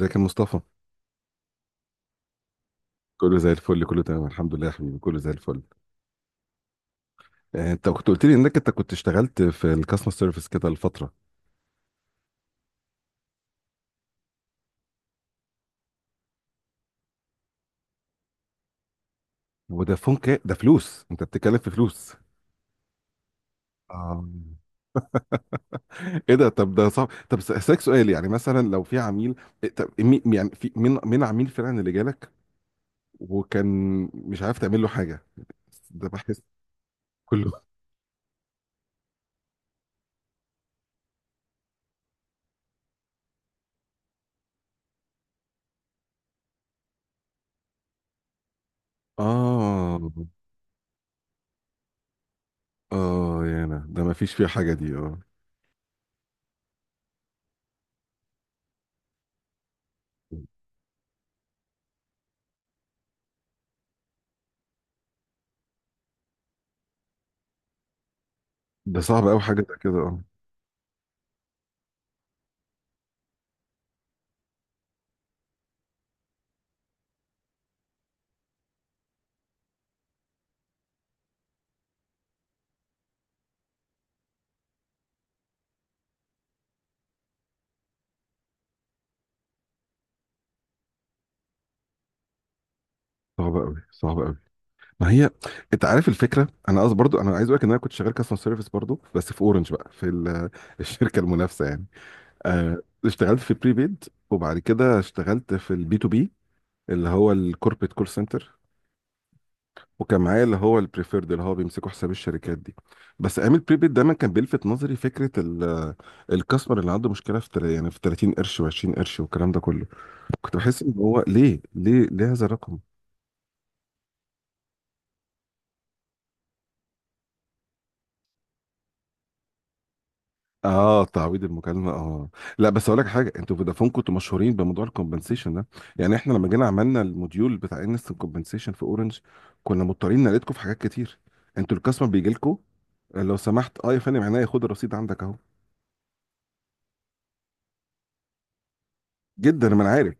ازيك يا مصطفى؟ كله زي الفل، كله تمام الحمد لله يا حبيبي، كله زي الفل. انت كنت قلت لي انك كنت اشتغلت في الكاستمر سيرفيس كده لفتره. ودافون كا ده فلوس؟ انت بتتكلم في فلوس؟ آه. ايه ده؟ طب ده صعب. طب اسالك سؤال، يعني مثلا لو في عميل، إيه؟ طب يعني في من عميل فعلا اللي جالك، وكان مش عارف تعمل له حاجه، ده بحس. كله، اه. اه يا انا ده ما فيش فيه حاجه دي، اه. ده صعب قوي، حاجه زي كده، اه. صعب قوي، صعب قوي. ما هي، انت عارف الفكره، انا قصدي برضو انا عايز اقول لك ان انا كنت شغال كاستمر سيرفيس برضو، بس في اورنج بقى، في الشركه المنافسه يعني. اشتغلت في بريبيد، وبعد كده اشتغلت في البي تو بي اللي هو الكوربريت كول سنتر، وكان معايا اللي هو البريفيرد اللي هو بيمسكوا حساب الشركات دي. بس ايام البريبيد دايما كان بيلفت نظري فكره الكاستمر اللي عنده مشكله في يعني في 30 قرش و20 قرش والكلام ده كله. كنت بحس ان هو ليه ليه ليه هذا الرقم. اه، تعويض المكالمه، اه. لا بس اقول لك حاجه، انتوا فودافون كنتوا مشهورين بموضوع الكومبنسيشن ده. يعني احنا لما جينا عملنا الموديول بتاع انستنت كومبنسيشن في اورنج، كنا مضطرين نقلدكم في حاجات كتير. انتوا الكاستمر بيجي لكم، لو سمحت اه يا فندم عينيا، خد الرصيد عندك اهو. جدا، ما انا عارف.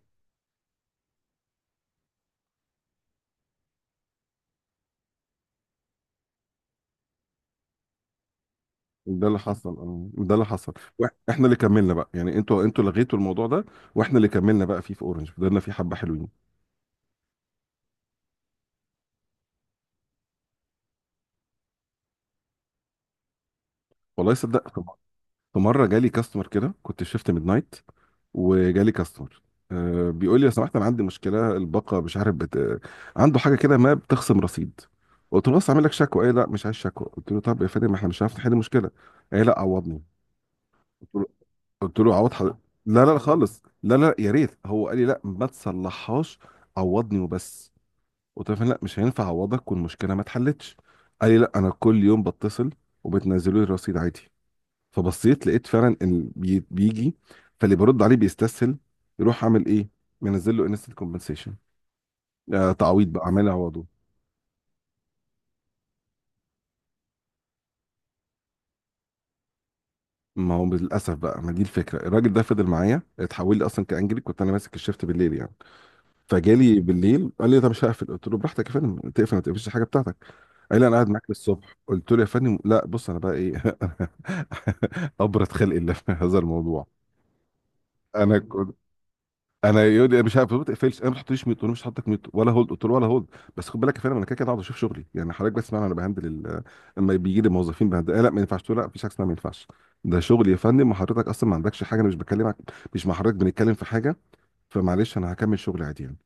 ده اللي حصل، اه ده اللي حصل. احنا اللي كملنا بقى، يعني انتوا لغيتوا الموضوع ده، واحنا اللي كملنا بقى فيه في اورنج، فضلنا فيه حبه حلوين. والله صدق. في مره جالي كاستمر كده، كنت في شيفت ميد نايت، وجالي كاستمر، بيقول لي لو سمحت انا عندي مشكله الباقه مش عارف بت... آه، عنده حاجه كده ما بتخصم رصيد. قلت له بس اعمل لك شكوى. ايه لا، مش عايز شكوى. قلت له طب يا فندم ما احنا مش عارف نحل المشكله. ايه لا، عوضني. قلت له قلت له عوض حضرتك. لا لا لا خالص، لا لا، يا ريت، هو قال لي لا ما تصلحهاش، عوضني وبس. قلت له يا فندم لا مش هينفع اعوضك والمشكله ما اتحلتش. قال لي لا انا كل يوم بتصل وبتنزلوا لي الرصيد عادي. فبصيت لقيت فعلا ان بيجي. فاللي برد عليه بيستسهل، يروح عامل ايه، منزل له انستنت كومبنسيشن، آه تعويض بقى، عامل عوضه. ما هو للاسف بقى، ما دي الفكره. الراجل ده فضل معايا، اتحول لي اصلا كانجلي، كنت انا ماسك الشيفت بالليل يعني، فجالي بالليل قال لي طب مش هقفل. قلت له براحتك يا فندم، تقفل ما تقفلش الحاجه بتاعتك. قال لي انا قاعد معاك للصبح. قلت له يا فندم لا، بص انا بقى ايه، ابرد خلق الله في هذا الموضوع. انا كنت، انا يقول لي مش عارف ما تقفلش، انا ما تحطليش ميوت، انا مش هحطك ميوت ولا هولد. قلت له ولا هولد، بس خد بالك يا فندم انا كده كده قاعد اشوف شغلي، يعني حضرتك بس معنا، انا بهندل لما بيجي لي موظفين بهندل، آه لا ما ينفعش تقول لا، مفيش حاجه اسمها ما ينفعش. ده شغلي يا فندم، وحضرتك اصلا ما عندكش حاجه، انا مش بكلمك، مش مع حضرتك بنتكلم في حاجه. فمعلش انا هكمل شغلي عادي يعني،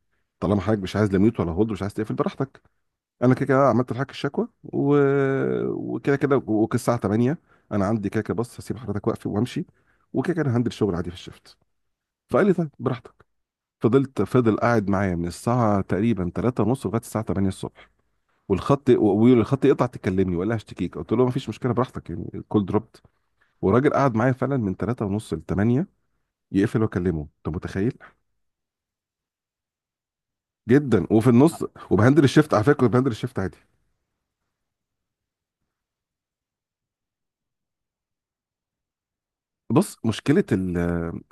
طالما حضرتك مش عايز لا ميوت ولا هولد، مش عايز تقفل، براحتك. انا كده كده عملت لحضرتك الشكوى وكده كده وكده الساعه 8، انا عندي كده كده، بص هسيب حضرتك واقف وامشي، وكده كده أنا هندل شغل عادي في الشفت. فقال لي طيب براحتك. فضل قاعد معايا من الساعة تقريبا 3 ونص لغاية الساعة 8 الصبح، والخط يقطع، تكلمني ولا هشتكيك؟ قلت له مفيش مشكلة، براحتك، يعني الكول دروبت. والراجل قعد معايا فعلا من 3 ونص ل 8، يقفل واكلمه. انت متخيل؟ جدا، وفي النص وبهندل الشيفت، على فكرة كنت بهندل الشيفت عادي. بص مشكلة ال،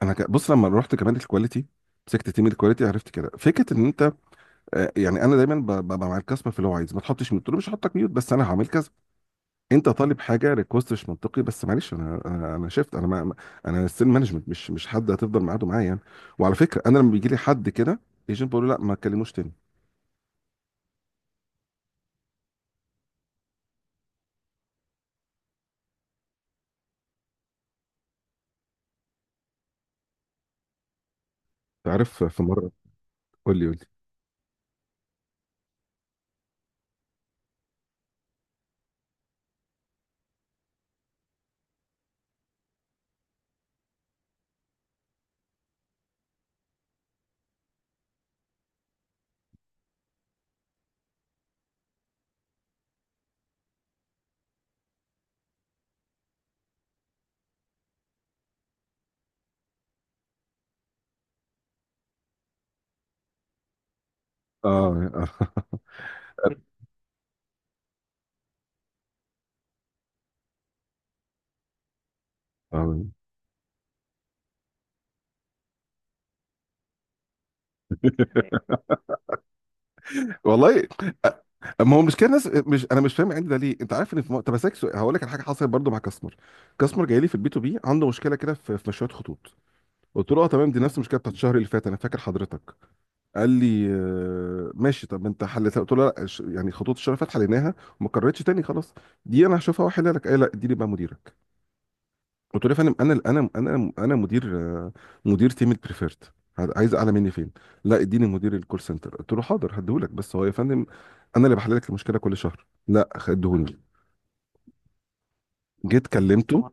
انا بص لما رحت كمان الكواليتي، مسكت تيم الكواليتي، عرفت كده فكره ان انت، آه، يعني انا دايما ببقى مع الكاستمر في اللي هو عايز، ما تحطش ميوت، قلت له مش هحطك ميوت بس انا هعمل كذا. انت طالب حاجه ريكوست مش منطقي، بس معلش انا انا شفت انا انا السيل مانجمنت، مش حد هتفضل معاده معايا يعني. وعلى فكره انا لما بيجي لي حد كده ايجنت بقول له لا ما تكلموش تاني. تعرف في مره، قول لي، قول لي. اه اه والله. أ- ما هو مش كده الناس، مش انا مش فاهم عندي ده ليه، انت عارف ان في طب اسالك سؤال، هقول لك على حاجه حصلت برضو مع كاستمر. كاستمر جاي لي في البي تو بي عنده مشكله كده في مشويات خطوط. قلت له اه تمام، دي نفس المشكله بتاعت الشهر اللي فات انا فاكر حضرتك. قال لي آه ماشي، طب انت حلتها؟ قلت له لا، يعني خطوط الشرفات حليناها وما كررتش تاني خلاص، دي انا هشوفها واحلها لك. قال لي لا، دي لي بقى مديرك. قلت له يا فندم انا انا مدير، آه، مدير تيم البريفيرت، عايز اعلى مني فين؟ لا اديني مدير الكول سنتر. قلت له حاضر هديهولك، بس هو يا فندم انا اللي بحل لك المشكله كل شهر. لا خدهوني. جيت كلمته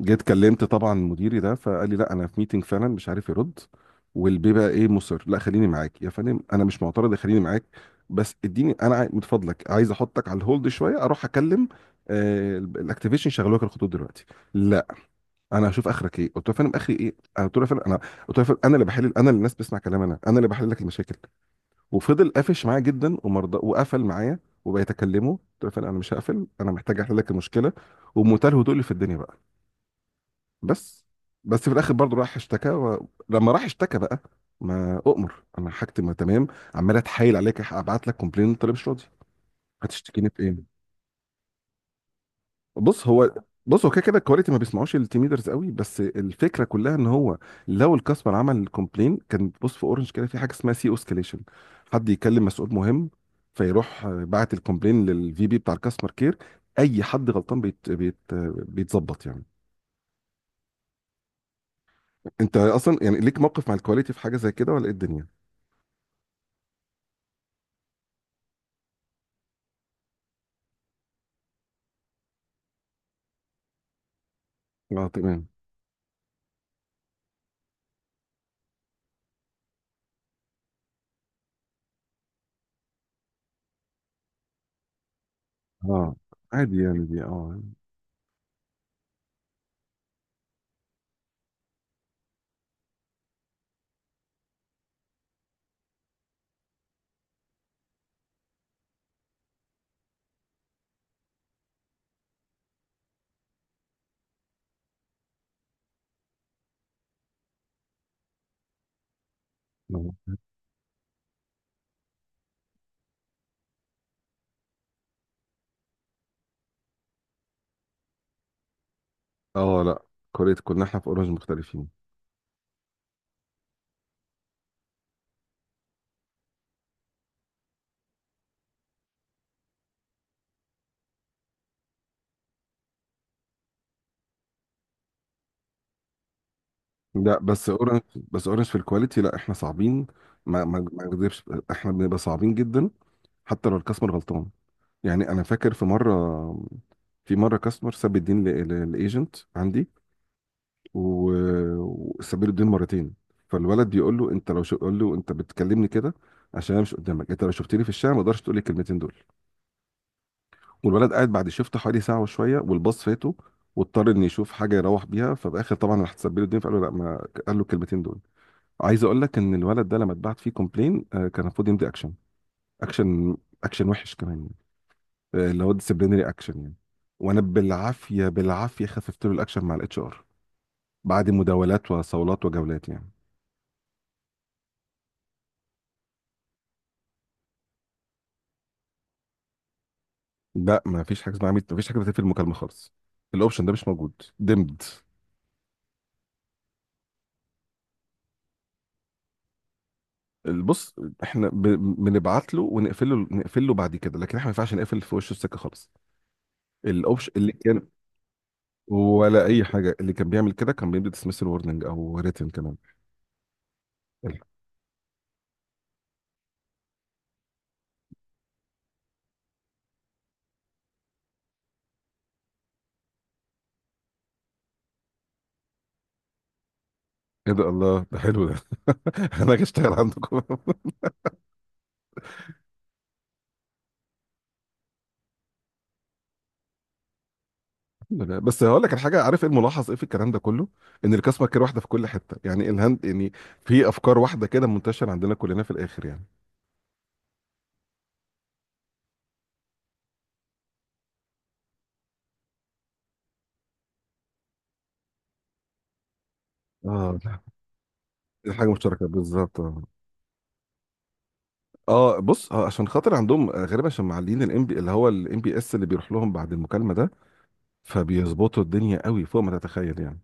جيت كلمت طبعا مديري ده، فقال لي لا انا في ميتنج فعلا مش عارف يرد. والبيه بقى ايه، مصر، لا خليني معاك يا فندم انا مش معترض، خليني معاك. بس اديني انا من فضلك عايز احطك على الهولد شويه اروح اكلم آه الاكتيفيشن يشغلوا لك الخطوط دلوقتي. لا، انا هشوف اخرك ايه. قلت له يا فندم انا، قلت له يا فندم انا اللي بحل، انا اللي الناس بتسمع كلام، انا اللي بحل لك المشاكل. وفضل قافش معايا جدا، ومرضى، وقفل معايا. وبقيت اكلمه، قلت له يا فندم انا مش هقفل، انا محتاج احل لك المشكله، وبمنتهى الهدوء اللي في الدنيا بقى. بس، بس في الاخر برضه راح اشتكى لما راح اشتكى بقى، ما اؤمر، انا حاجتي ما تمام. عمال اتحايل عليك ابعت لك كومبلين، انت ليه مش راضي؟ هتشتكيني في ايه؟ بص هو بص هو كده كده الكواليتي ما بيسمعوش التيم ليدرز قوي، بس الفكره كلها ان هو لو الكاستمر عمل كومبلين كان، بص في اورنج كده في حاجه اسمها سي اوسكيليشن، حد يكلم مسؤول مهم، فيروح باعت الكومبلين للفي بي بتاع الكاستمر كير، اي حد غلطان بيت بيت بيتظبط يعني. انت اصلا يعني ليك موقف مع الكواليتي في حاجه زي كده ولا ايه الدنيا؟ اه تمام، اه عادي يعني، دي اه، اه، آه، لا. كوريا كنا احنا في اورنج مختلفين. لا بس اورنج، بس اورنج في الكواليتي، لا احنا صعبين، ما اكذبش، احنا بنبقى صعبين جدا حتى لو الكاستمر غلطان. يعني انا فاكر في مره، في مره كاستمر ساب الدين للايجنت عندي، وساب له الدين مرتين. فالولد بيقول له انت لو شو قول له، انت بتكلمني كده عشان انا مش قدامك؟ انت لو شفتني في الشارع ما اقدرش تقول لي الكلمتين دول. والولد قاعد بعد شفت حوالي ساعه وشويه والباص فاته، واضطر ان يشوف حاجه يروح بيها، فباخر طبعا راح تسبب له الدنيا فقال له لا، ما قال له الكلمتين دول. عايز اقول لك ان الولد ده لما اتبعت فيه كومبلين، آه، كان المفروض يمضي اكشن، اكشن، اكشن وحش كمان يعني، آه، اللي هو ديسيبلينري اكشن يعني. وانا بالعافيه بالعافيه خففت له الاكشن مع الاتش ار، بعد مداولات وصولات وجولات يعني. لا ما فيش حاجه اسمها عميد، ما فيش حاجه بتقفل المكالمه خالص، الاوبشن ده مش موجود. دمد. بص احنا بنبعت له ونقفله، نقفل له بعد كده، لكن احنا ما ينفعش نقفل في وشه السكه خالص. الاوبشن اللي كان، ولا اي حاجه، اللي كان بيعمل كده كان بيدي ديسمسل وورنينج او ريتن كمان. ايه ده، الله، ده حلو ده. انا هاجي اشتغل عندكم لا، بس هقول لك الحاجه، عارف ايه الملاحظ ايه في الكلام ده كله، ان الكاسمه كده واحده في كل حته، يعني الهند يعني، في افكار واحده كده منتشره عندنا كلنا في الاخر يعني. اه، لا، دي حاجه مشتركه بالظبط. اه بص، آه، عشان خاطر عندهم، آه، غالبا عشان معلين الام بي اللي هو الام بي اس اللي بيروح لهم بعد المكالمه ده، فبيظبطوا الدنيا قوي فوق ما تتخيل يعني.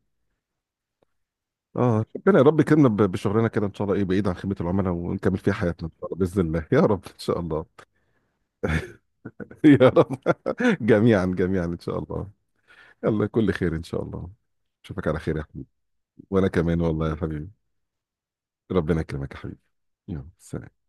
اه، ربنا يا رب يكرمنا بشغلنا كده ان شاء الله، ايه بعيد عن خدمه العملاء، ونكمل فيها حياتنا ان شاء الله باذن الله يا رب ان شاء الله. يا رب. جميعا جميعا ان شاء الله. يلا كل خير ان شاء الله. اشوفك على خير يا حبيبي. وانا كمان والله يا حبيبي. ربنا يكرمك يا حبيبي. يلا سلام.